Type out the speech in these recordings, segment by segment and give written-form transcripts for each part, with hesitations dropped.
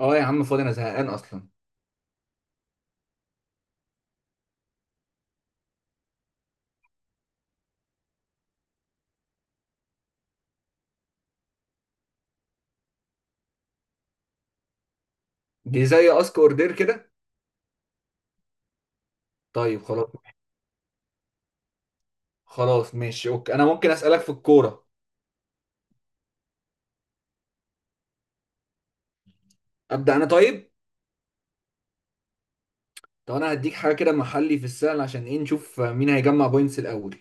اه يا عم فاضي، انا زهقان اصلا. دي زي اسك اوردر كده. طيب خلاص. خلاص ماشي اوكي، انا ممكن اسالك في الكوره. ابدا انا طيب. طب انا هديك حاجه كده محلي في السهل، عشان ايه؟ نشوف مين هيجمع بوينتس الاول.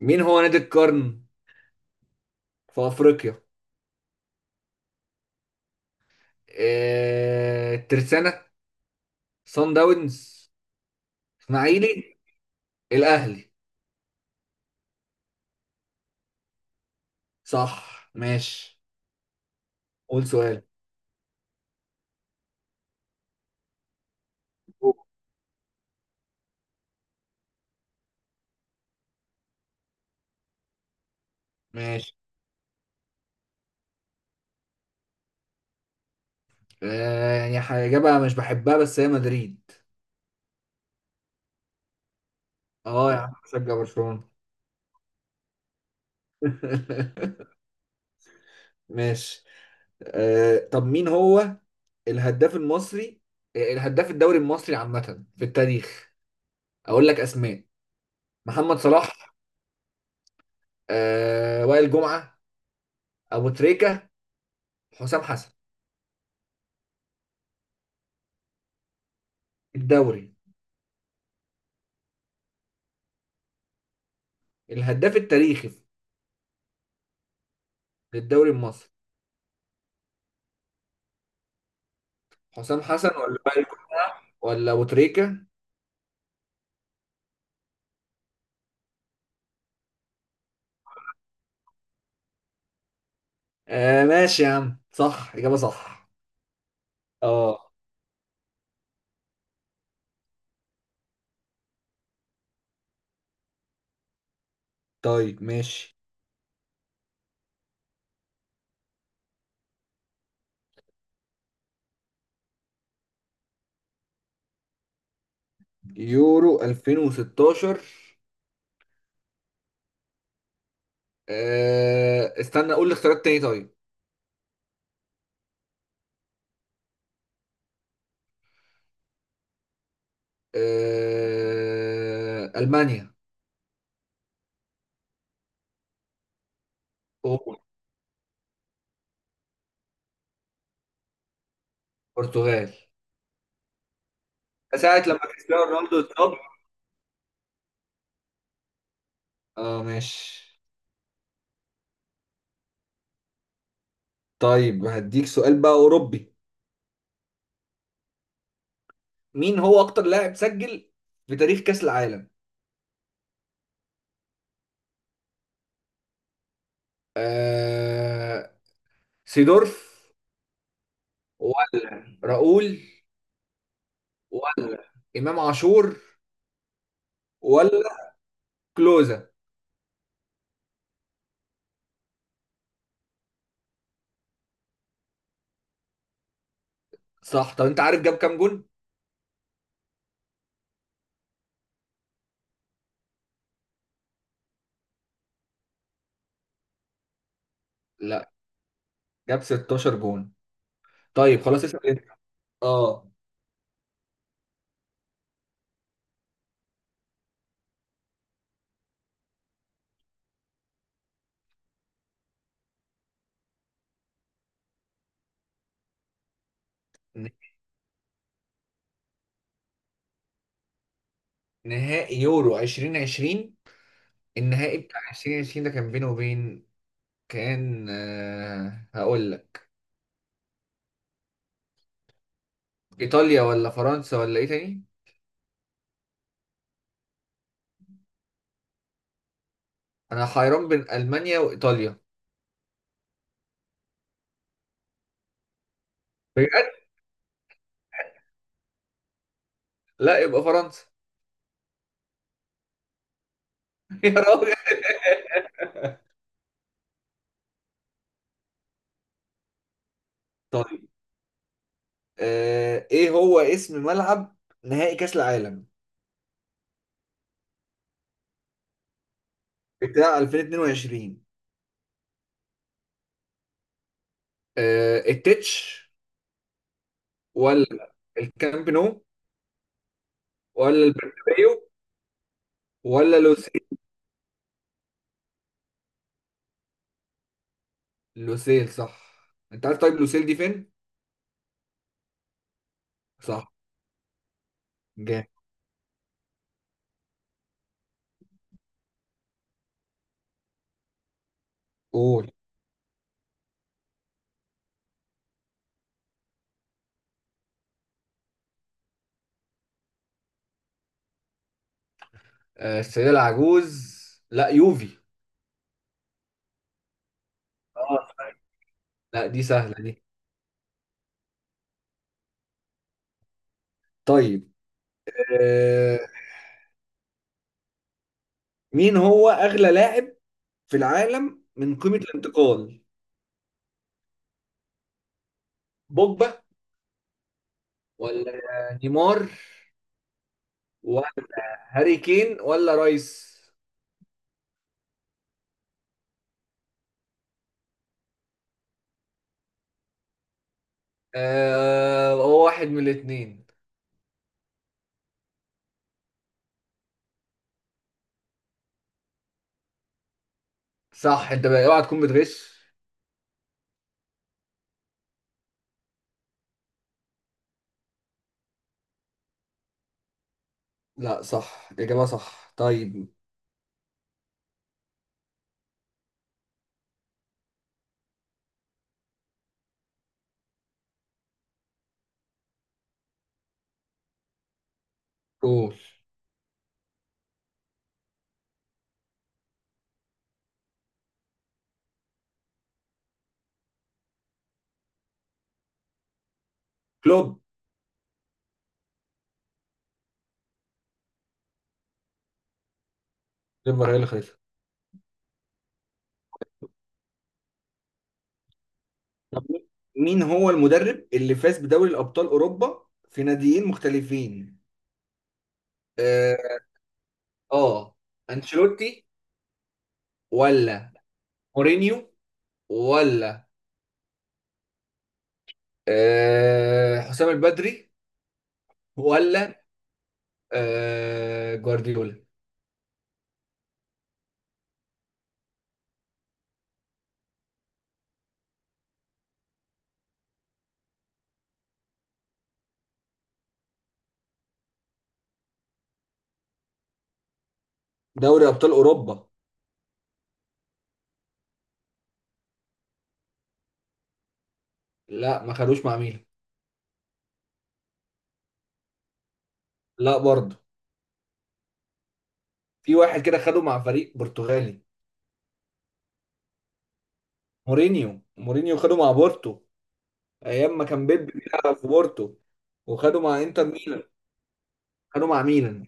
مين هو نادي القرن في افريقيا؟ الترسانة، صن داونز، اسماعيلي، الاهلي. صح ماشي. قول سؤال. ماشي. يعني حاجه إجابة مش بحبها، بس هي مدريد. اه يا عم بشجع برشلونه. ماشي. طب مين هو الهداف المصري؟ آه، الهداف الدوري المصري عامة في التاريخ. اقول لك اسماء: محمد صلاح، آه، وائل جمعة، ابو تريكة، حسام حسن. الدوري. الهداف التاريخي للدوري المصري. حسام حسن ولا وائل جمعة ولا ابو تريكة. آه ماشي يا عم، صح، اجابة صح. اه. طيب ماشي. يورو 2016. استنى اقول الاختيارات تاني طيب. آه، المانيا. أوه. البرتغال. ساعة لما كريستيانو رونالدو اتصاب. اه ماشي. طيب هديك سؤال بقى اوروبي. مين هو اكتر لاعب سجل في تاريخ كأس العالم؟ آه... سيدورف ولا راؤول ولا امام عاشور ولا كلوزا. صح. طب انت عارف جاب كام جون؟ لا، جاب 16 جون. طيب خلاص اسال انت. اه. ن- نهائي يورو 2020. النهائي بتاع 2020 ده كان بينه وبين، كان هقول لك. ايطاليا ولا فرنسا ولا ايه تاني؟ انا حيران بين المانيا وايطاليا. بجد؟ لا يبقى فرنسا. يا راجل. طيب، ايه هو اسم ملعب نهائي كاس العالم بتاع 2022؟ التتش ولا الكامب نو ولا البرنابيو ولا لوسيل. لوسيل صح. انت عارف طيب لوسيل دي فين؟ صح. جامد. قول. آه، السيدة العجوز؟ لا، يوفي. اه، لا دي سهلة دي. طيب. آه، مين هو أغلى لاعب في العالم من قيمة الانتقال؟ بوجبا ولا نيمار ولا هاري كين ولا رايس. هو واحد من الاتنين. صح، انت بقى اوعى تكون بتغش. لا صح، إجابة صح. طيب. قول. كلوب. ليفر هي اللي خدتها. طب مين هو المدرب اللي فاز بدوري الأبطال أوروبا في ناديين مختلفين؟ اه آه. انشيلوتي ولا مورينيو ولا حسام البدري ولا جوارديولا. دوري ابطال اوروبا. لا ما خدوش مع ميلان. لا برضه. في واحد كده خده مع فريق برتغالي. مورينيو. خده مع بورتو، ايام ما كان بيب بيلعب في بورتو. وخده مع انتر ميلان. خده مع ميلان.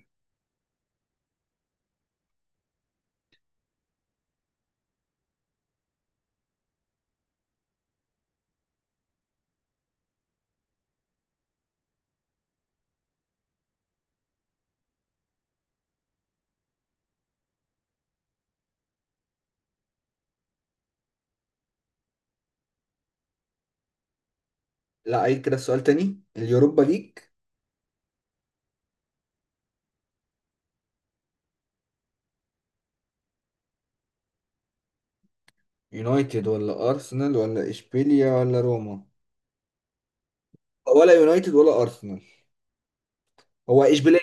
لا، عيد كده السؤال تاني. اليوروبا ليج. يونايتد ولا ارسنال ولا اشبيليا ولا روما. ولا يونايتد ولا ارسنال. هو اشبيليه؟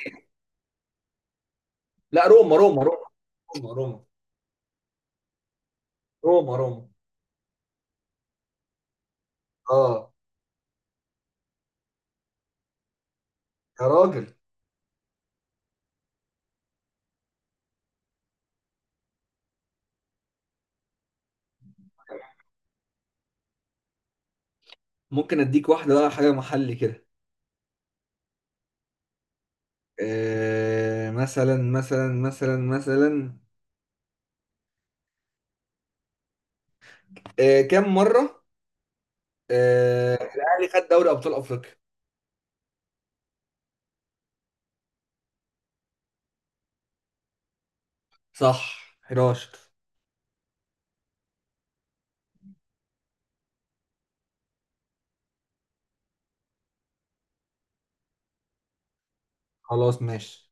لا، روما روما روما روما. اه. يا راجل. ممكن اديك واحده بقى، حاجه محلي كده. آه مثلا. كم مره الاهلي خد دوري ابطال افريقيا؟ صح، 11. خلاص ماشي.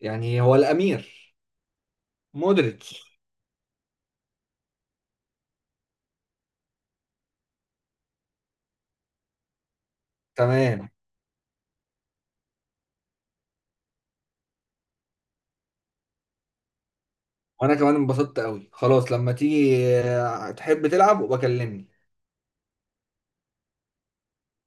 يعني هو الامير، مودريتش. تمام. وانا كمان انبسطت قوي. خلاص لما تيجي تحب تلعب وبكلمني.